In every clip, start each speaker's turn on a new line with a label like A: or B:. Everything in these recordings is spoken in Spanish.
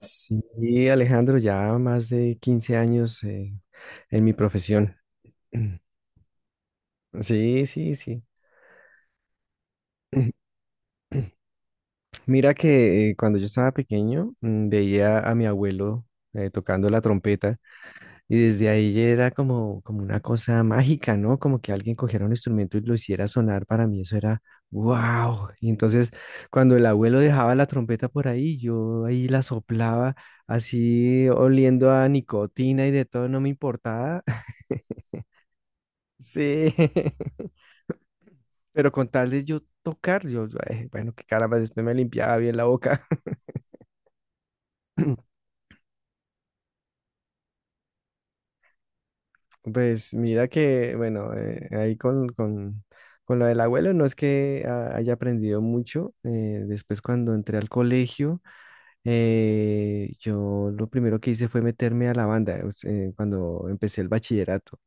A: Sí, Alejandro, ya más de 15 años en mi profesión. Sí, sí, sí. Mira que cuando yo estaba pequeño veía a mi abuelo tocando la trompeta y desde ahí ya era como una cosa mágica, ¿no? Como que alguien cogiera un instrumento y lo hiciera sonar, para mí eso era wow. Y entonces cuando el abuelo dejaba la trompeta por ahí, yo ahí la soplaba así oliendo a nicotina y de todo, no me importaba. Sí, pero con tal de yo tocar, bueno, qué caramba, después me limpiaba bien la boca. Pues mira que, bueno, ahí con lo del abuelo, no es que haya aprendido mucho. Después cuando entré al colegio, yo lo primero que hice fue meterme a la banda, o sea, cuando empecé el bachillerato.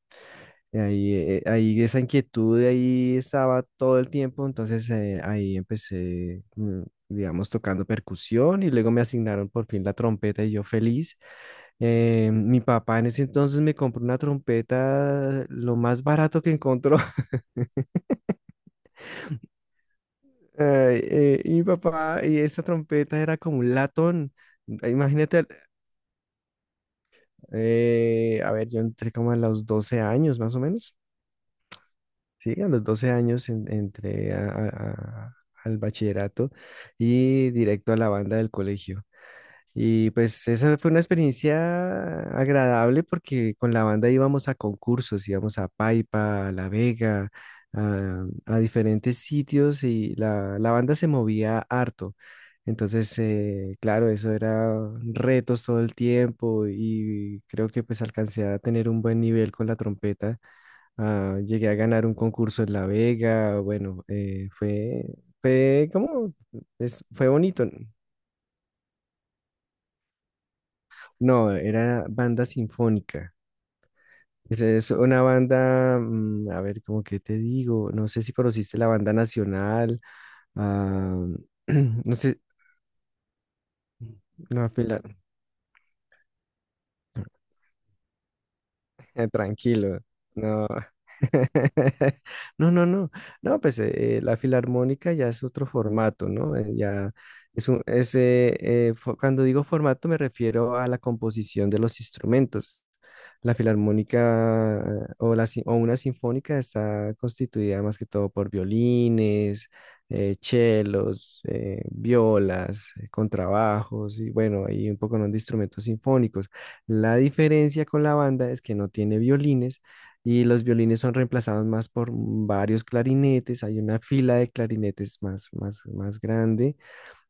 A: Ahí esa inquietud ahí estaba todo el tiempo, entonces ahí empecé, digamos, tocando percusión y luego me asignaron por fin la trompeta y yo feliz. Mi papá en ese entonces me compró una trompeta lo más barato que encontró. Y mi papá, y esa trompeta era como un latón. Imagínate, a ver, yo entré como a los 12 años más o menos. Sí, a los 12 años entré al bachillerato y directo a la banda del colegio. Y pues esa fue una experiencia agradable porque con la banda íbamos a concursos, íbamos a Paipa, a La Vega, a diferentes sitios y la banda se movía harto. Entonces, claro, eso era retos todo el tiempo y creo que pues alcancé a tener un buen nivel con la trompeta. Ah, llegué a ganar un concurso en La Vega, fue como, fue bonito. No, era banda sinfónica. Es una banda, a ver, cómo que te digo, no sé si conociste la banda nacional, ah, no sé, no, tranquilo, no. No, no, no. No, pues la filarmónica ya es otro formato, ¿no? Ya es un, es, fo- Cuando digo formato me refiero a la composición de los instrumentos. La filarmónica o, la, sin- o una sinfónica está constituida más que todo por violines, chelos, violas, contrabajos y bueno, hay un poco ¿no? de instrumentos sinfónicos. La diferencia con la banda es que no tiene violines y los violines son reemplazados más por varios clarinetes. Hay una fila de clarinetes más grande.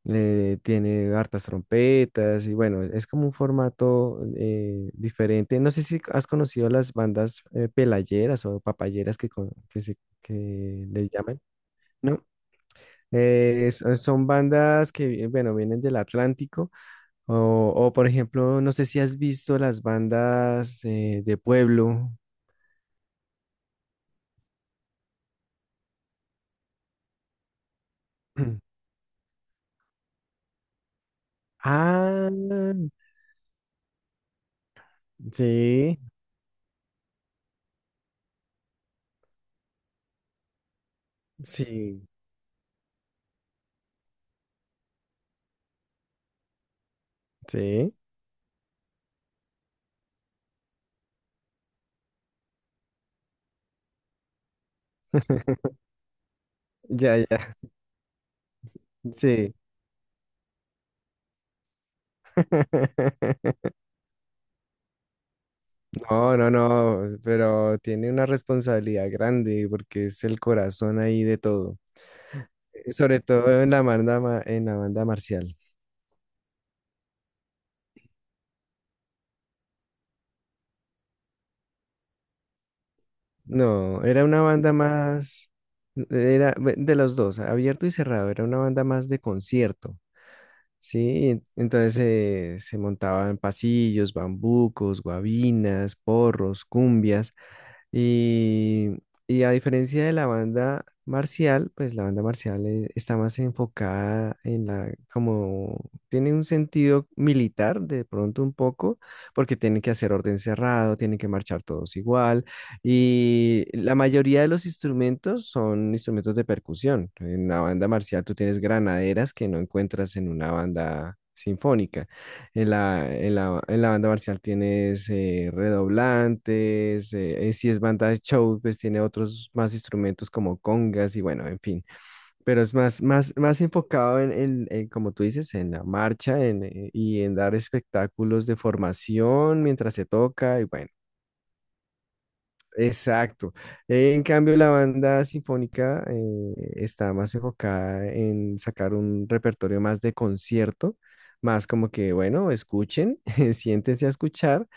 A: Eh, tiene hartas trompetas y bueno, es como un formato diferente. No sé si has conocido las bandas pelayeras o papayeras que, con- que, se, que le llaman, ¿no? Son bandas que, bueno, vienen del Atlántico por ejemplo, no sé si has visto las bandas de pueblo. Ah, sí, sí, sí. Ya, ya, sí. No, no, no, pero tiene una responsabilidad grande porque es el corazón ahí de todo. Sobre todo en la en la banda marcial. No, era una banda más, era de los dos, abierto y cerrado, era una banda más de concierto. Sí, entonces se montaban pasillos, bambucos, guabinas, porros, cumbias, y, y a diferencia de la banda marcial, pues la banda marcial está más enfocada en la, como tiene un sentido militar de pronto un poco, porque tienen que hacer orden cerrado, tienen que marchar todos igual. Y la mayoría de los instrumentos son instrumentos de percusión. En la banda marcial tú tienes granaderas que no encuentras en una banda sinfónica. En la banda marcial tienes redoblantes, si es banda de show, pues tiene otros más instrumentos como congas y bueno, en fin, pero es más enfocado en, en, como tú dices, en la marcha en, y en dar espectáculos de formación mientras se toca y bueno. Exacto. En cambio, la banda sinfónica está más enfocada en sacar un repertorio más de concierto, más como que, bueno, escuchen, siéntense a escuchar.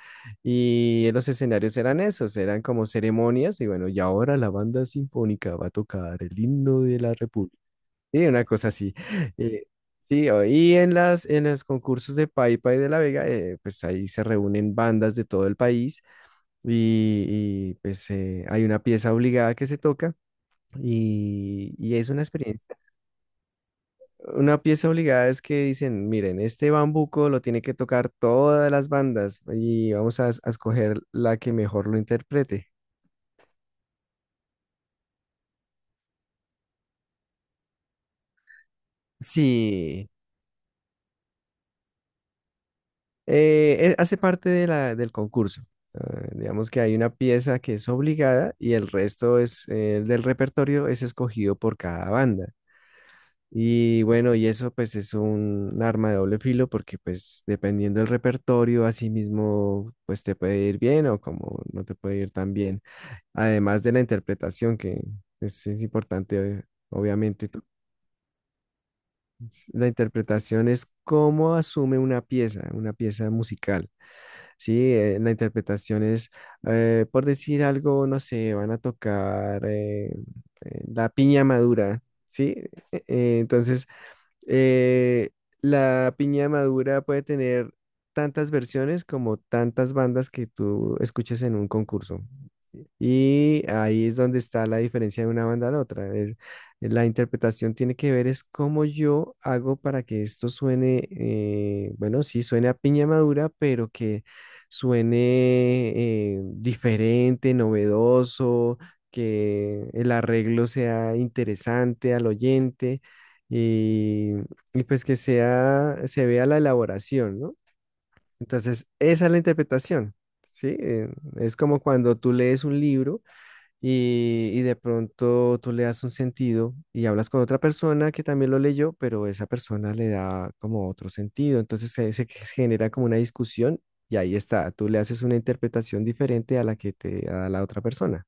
A: Y los escenarios eran esos, eran como ceremonias. Y bueno, y ahora la banda sinfónica va a tocar el himno de la República. Y una cosa así. Eh, Sí, y en las, en los concursos de Paipa y de La Vega, pues ahí se reúnen bandas de todo el país y, y, pues hay una pieza obligada que se toca y es una experiencia. Una pieza obligada es que dicen, miren, este bambuco lo tiene que tocar todas las bandas y vamos a, a escoger la que mejor lo interprete. Sí, hace parte de la, del concurso. Ah, digamos que hay una pieza que es obligada y el resto es, del repertorio es escogido por cada banda. Y bueno, y eso pues es un arma de doble filo porque pues dependiendo del repertorio, así mismo pues te puede ir bien o como no te puede ir tan bien. Además de la interpretación, que es importante, obviamente. La interpretación es cómo asume una pieza musical, ¿sí? La interpretación es, por decir algo, no sé, van a tocar la piña madura, ¿sí? Eh, eh, entonces... Eh, la piña madura puede tener tantas versiones como tantas bandas que tú escuches en un concurso. Y ahí es donde está la diferencia de una banda a la otra. La interpretación tiene que ver es cómo yo hago para que esto suene, bueno, sí, suene a piña madura, pero que suene diferente, novedoso, que el arreglo sea interesante al oyente y, y pues que sea, se vea la elaboración, ¿no? Entonces, esa es la interpretación, ¿sí? Es como cuando tú lees un libro y de pronto tú le das un sentido y hablas con otra persona que también lo leyó, pero esa persona le da como otro sentido. Entonces se genera como una discusión y ahí está, tú le haces una interpretación diferente a la que te da la otra persona.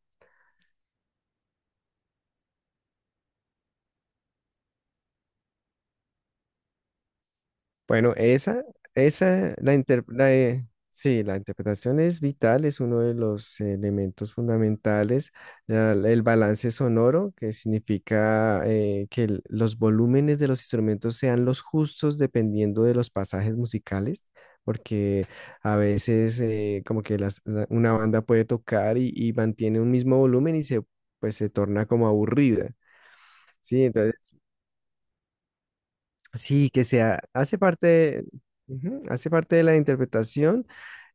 A: Bueno, esa, la, inter- la, sí, la interpretación es vital, es uno de los elementos fundamentales. El balance sonoro, que significa que los volúmenes de los instrumentos sean los justos dependiendo de los pasajes musicales, porque a veces como que una banda puede tocar y mantiene un mismo volumen y se, pues, se torna como aburrida, ¿sí? Entonces sí, que sea, hace parte, ujú, hace parte de la interpretación.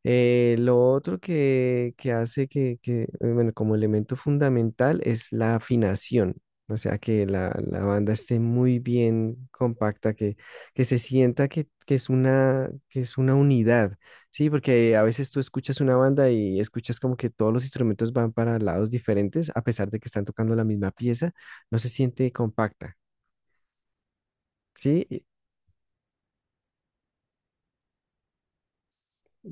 A: Lo otro que, bueno, como elemento fundamental es la afinación, o sea, que la banda esté muy bien compacta, que se sienta que es una unidad, ¿sí? Porque a veces tú escuchas una banda y escuchas como que todos los instrumentos van para lados diferentes, a pesar de que están tocando la misma pieza, no se siente compacta. ¿Sí?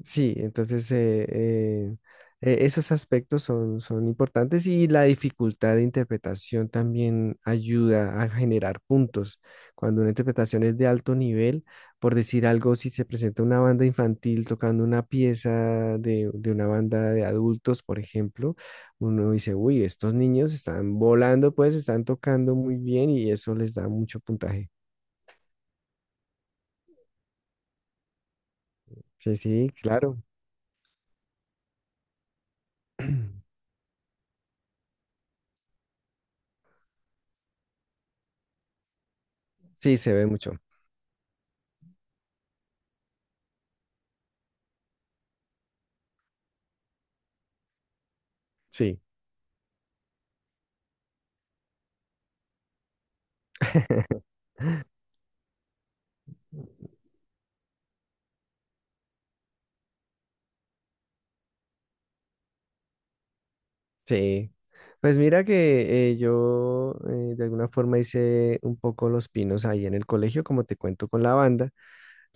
A: Sí, entonces esos aspectos son, son importantes y la dificultad de interpretación también ayuda a generar puntos. Cuando una interpretación es de alto nivel, por decir algo, si se presenta una banda infantil tocando una pieza de una banda de adultos, por ejemplo, uno dice, uy, estos niños están volando, pues están tocando muy bien y eso les da mucho puntaje. Sí, sí, claro. Sí, se ve mucho. Sí. Sí, pues mira que yo de alguna forma hice un poco los pinos ahí en el colegio, como te cuento con la banda.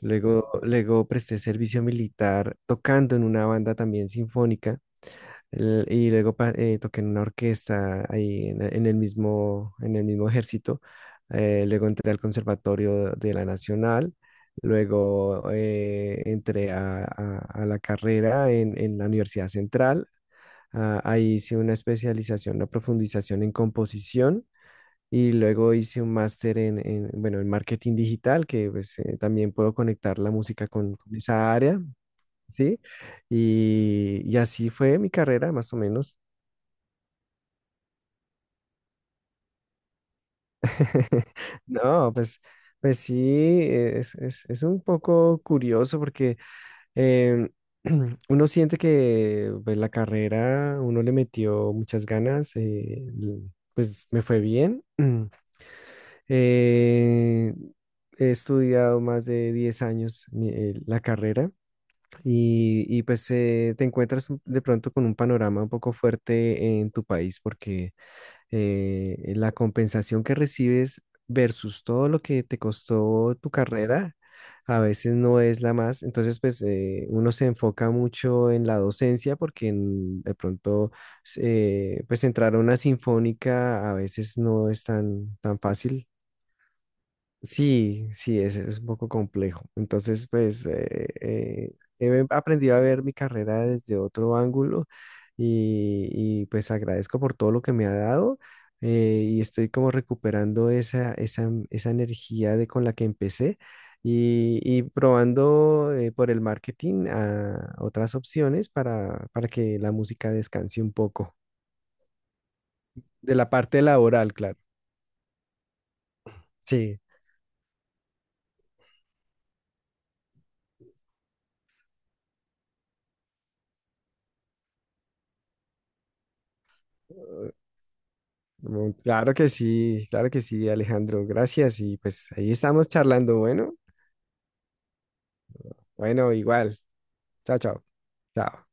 A: Luego presté servicio militar tocando en una banda también sinfónica. Y luego toqué en una orquesta ahí en el mismo ejército. Luego entré al Conservatorio de la Nacional. Luego entré a la carrera en la Universidad Central. Ah, ahí hice una especialización, una profundización en composición y luego hice un máster en, bueno, en marketing digital, que pues, también puedo conectar la música con esa área, ¿sí? Y así fue mi carrera, más o menos. No, pues, pues sí, es un poco curioso porque em, uno siente que pues, la carrera, uno le metió muchas ganas, pues me fue bien. Eh, he estudiado más de 10 años la carrera y, pues te encuentras de pronto con un panorama un poco fuerte en tu país porque la compensación que recibes versus todo lo que te costó tu carrera a veces no es la más. Entonces pues uno se enfoca mucho en la docencia porque de pronto pues entrar a una sinfónica a veces no es tan, tan fácil. Sí, sí, es un poco complejo. Entonces, pues, he aprendido a ver mi carrera desde otro ángulo y, y, pues agradezco por todo lo que me ha dado y estoy como recuperando esa energía de con la que empecé y probando por el marketing a otras opciones para que la música descanse un poco de la parte laboral, claro. Sí. Mm, claro que sí, claro que sí, Alejandro. Gracias. Y pues ahí estamos charlando. Bueno, bueno, igual. Chao, chao. Chao.